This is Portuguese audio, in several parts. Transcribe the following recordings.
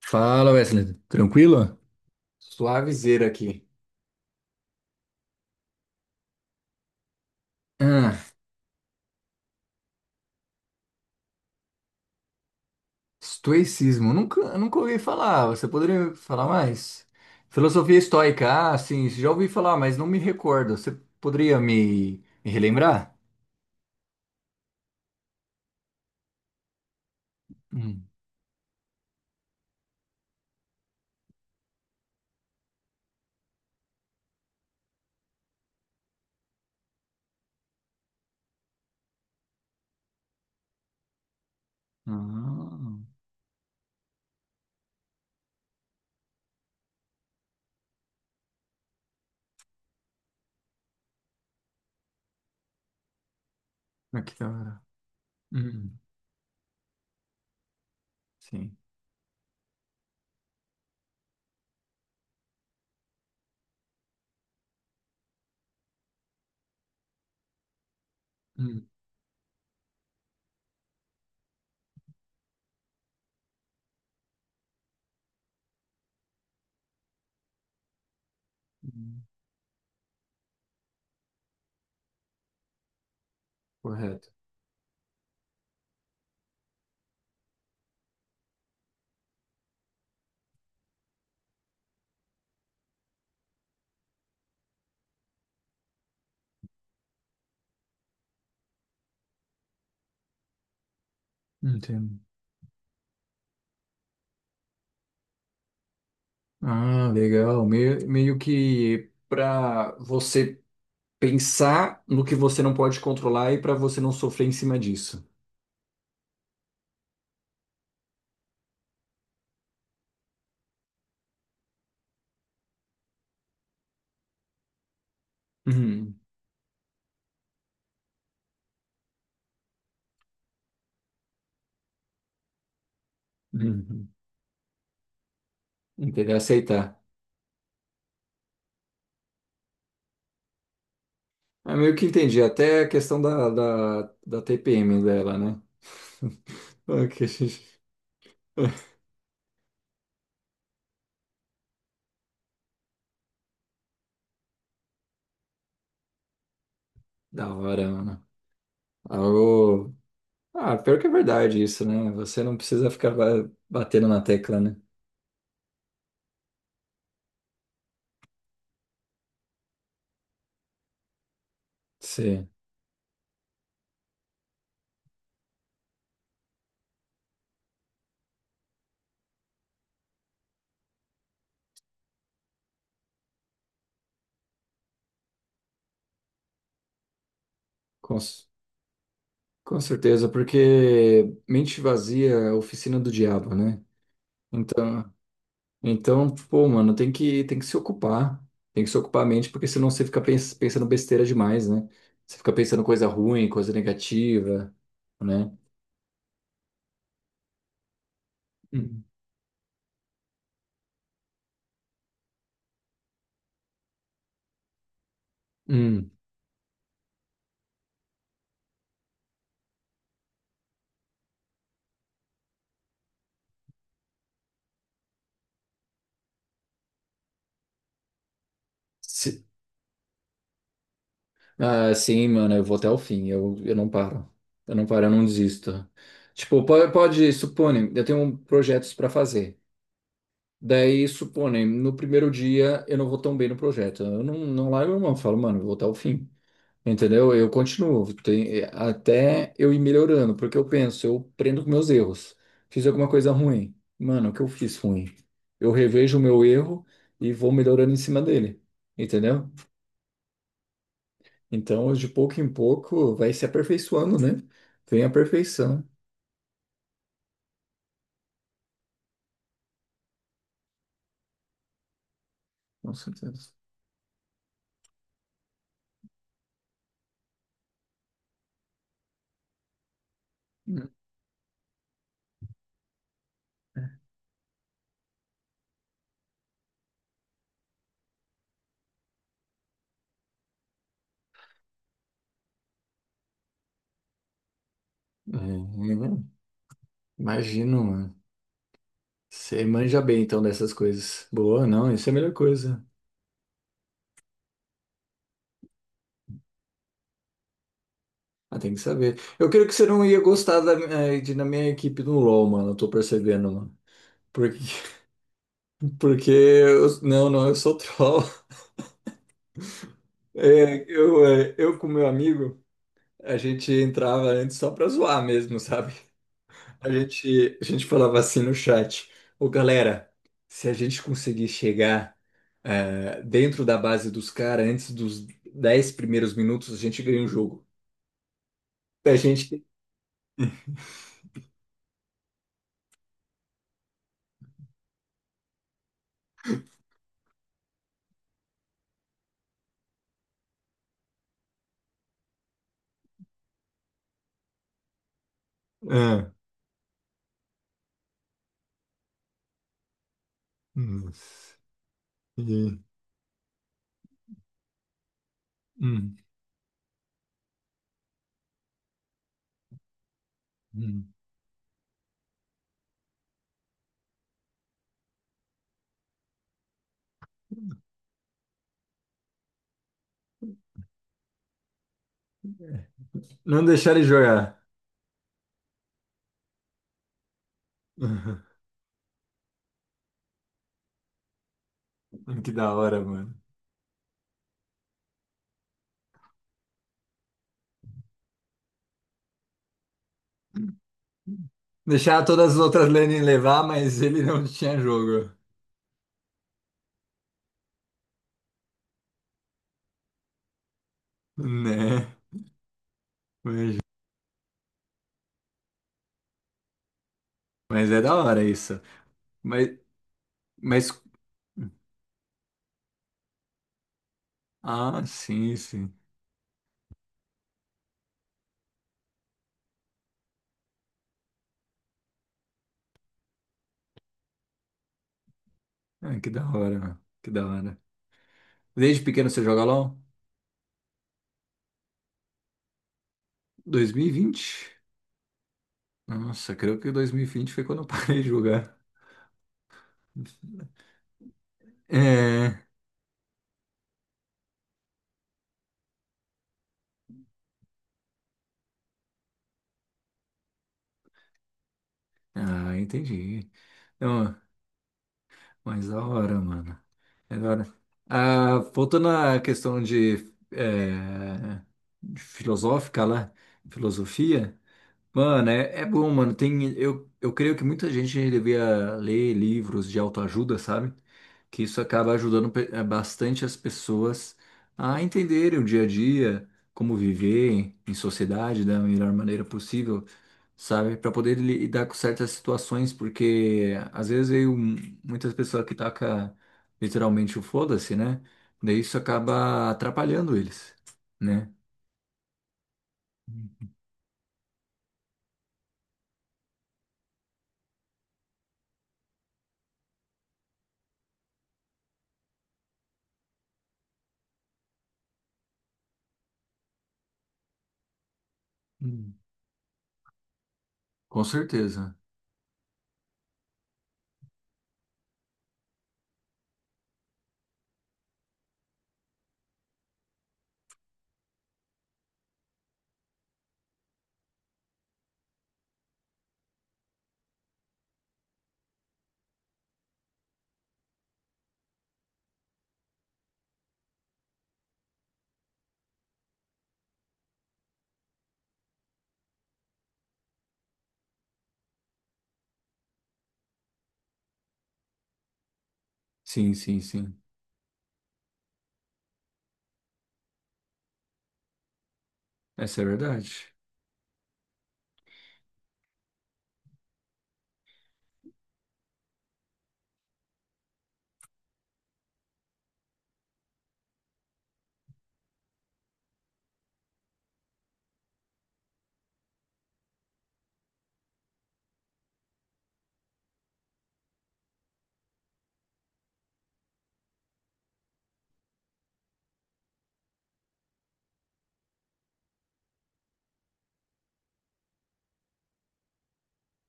Fala, Wesley. Tranquilo? Suavizeira aqui. Ah, estoicismo. Nunca ouvi falar. Você poderia falar mais? Filosofia estoica. Ah, sim, já ouvi falar, mas não me recordo. Você poderia me relembrar? Hum. Ah, que da hora. Hum, sim. Hum, hum, correto. Entendo. Ah, legal. Meio que para você pensar no que você não pode controlar e para você não sofrer em cima disso. Uhum, uhum. Entendi, aceitar. É meio que entendi, até a questão da TPM dela, né? Ok, gente. Da hora, mano. Algo... Ah, pior que é verdade isso, né? Você não precisa ficar batendo na tecla, né? Sim, com, c- com certeza, porque mente vazia é a oficina do diabo, né? Então, então, pô, mano, tem que se ocupar. Tem que se ocupar a mente, porque senão você fica pensando besteira demais, né? Você fica pensando coisa ruim, coisa negativa, né? Hum. Hum. Se- Ah, sim, mano, eu vou até o fim. Eu não paro. Eu não paro, eu não desisto. Tipo, supõe, eu tenho projetos pra fazer. Daí, supõe, no primeiro dia eu não vou tão bem no projeto. Eu não largo a mão, falo, mano, eu vou até o fim. Entendeu? Eu continuo, até eu ir melhorando, porque eu penso, eu prendo com meus erros. Fiz alguma coisa ruim. Mano, o que eu fiz ruim? Eu revejo o meu erro e vou melhorando em cima dele. Entendeu? Então, de pouco em pouco, vai se aperfeiçoando, né? Vem a perfeição. Com certeza. É, é, imagino, mano. Você manja bem então dessas coisas. Boa, não, isso é a melhor coisa. Ah, tem que saber. Eu creio que você não ia gostar da, de, na minha equipe no LoL, mano. Eu tô percebendo, mano. Porque, porque eu, não, não, eu sou troll. Eu com meu amigo, a gente entrava antes só pra zoar mesmo, sabe? A gente falava assim no chat: Ô galera, se a gente conseguir chegar dentro da base dos caras antes dos 10 primeiros minutos, a gente ganha o jogo. A gente. Ah, nossa. E- hum, hum. Não deixar ele jogar. Que da hora, mano. Deixar todas as outras lanes levar, mas ele não tinha jogo. Né? Mas, mas é da hora isso. Mas, mas. Ah, sim, sim. Ah, que da hora, mano. Que da hora. Desde pequeno você joga LOL? 2020? Nossa, creio que 2020 foi quando eu parei de jogar. É. Ah, entendi. Então, mas da hora, mano. É da hora. Ah, voltando à questão de, é, de filosófica lá, filosofia, mano, é bom, mano. Tem, eu creio que muita gente devia ler livros de autoajuda, sabe? Que isso acaba ajudando bastante as pessoas a entenderem o dia a dia, como viver em sociedade da melhor maneira possível sabe? Para poder lidar com certas situações, porque muitas pessoas que tacam literalmente o foda-se, né? Daí isso acaba atrapalhando eles, né? Hum. Com certeza. Sim. Essa é verdade.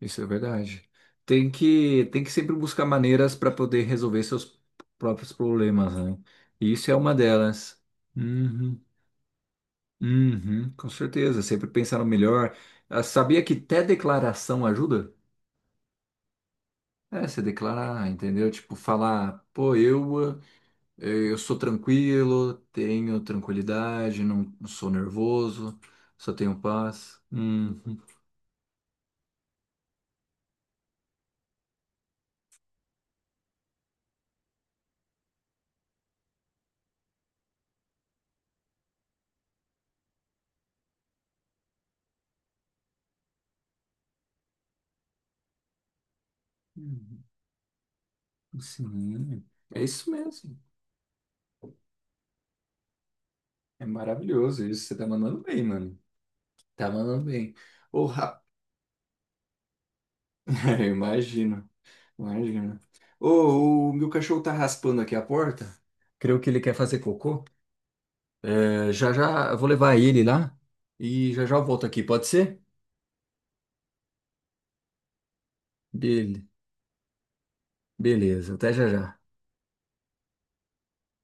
Isso é verdade. Tem que sempre buscar maneiras para poder resolver seus próprios problemas, né? E isso é uma delas. Uhum. Uhum, com certeza. Sempre pensar no melhor. Ah, sabia que até declaração ajuda? É, se declarar, entendeu? Tipo, falar, eu sou tranquilo, tenho tranquilidade, não sou nervoso, só tenho paz. Uhum. Uhum. Sim, é isso mesmo. É maravilhoso isso. Você tá mandando bem, mano. Tá mandando bem. Ô, ra- Eu imagino, imagino. Ô, o meu cachorro tá raspando aqui a porta. Creio que ele quer fazer cocô. É, já já eu vou levar ele lá e já já eu volto aqui, pode ser? Beleza. Beleza, até já já.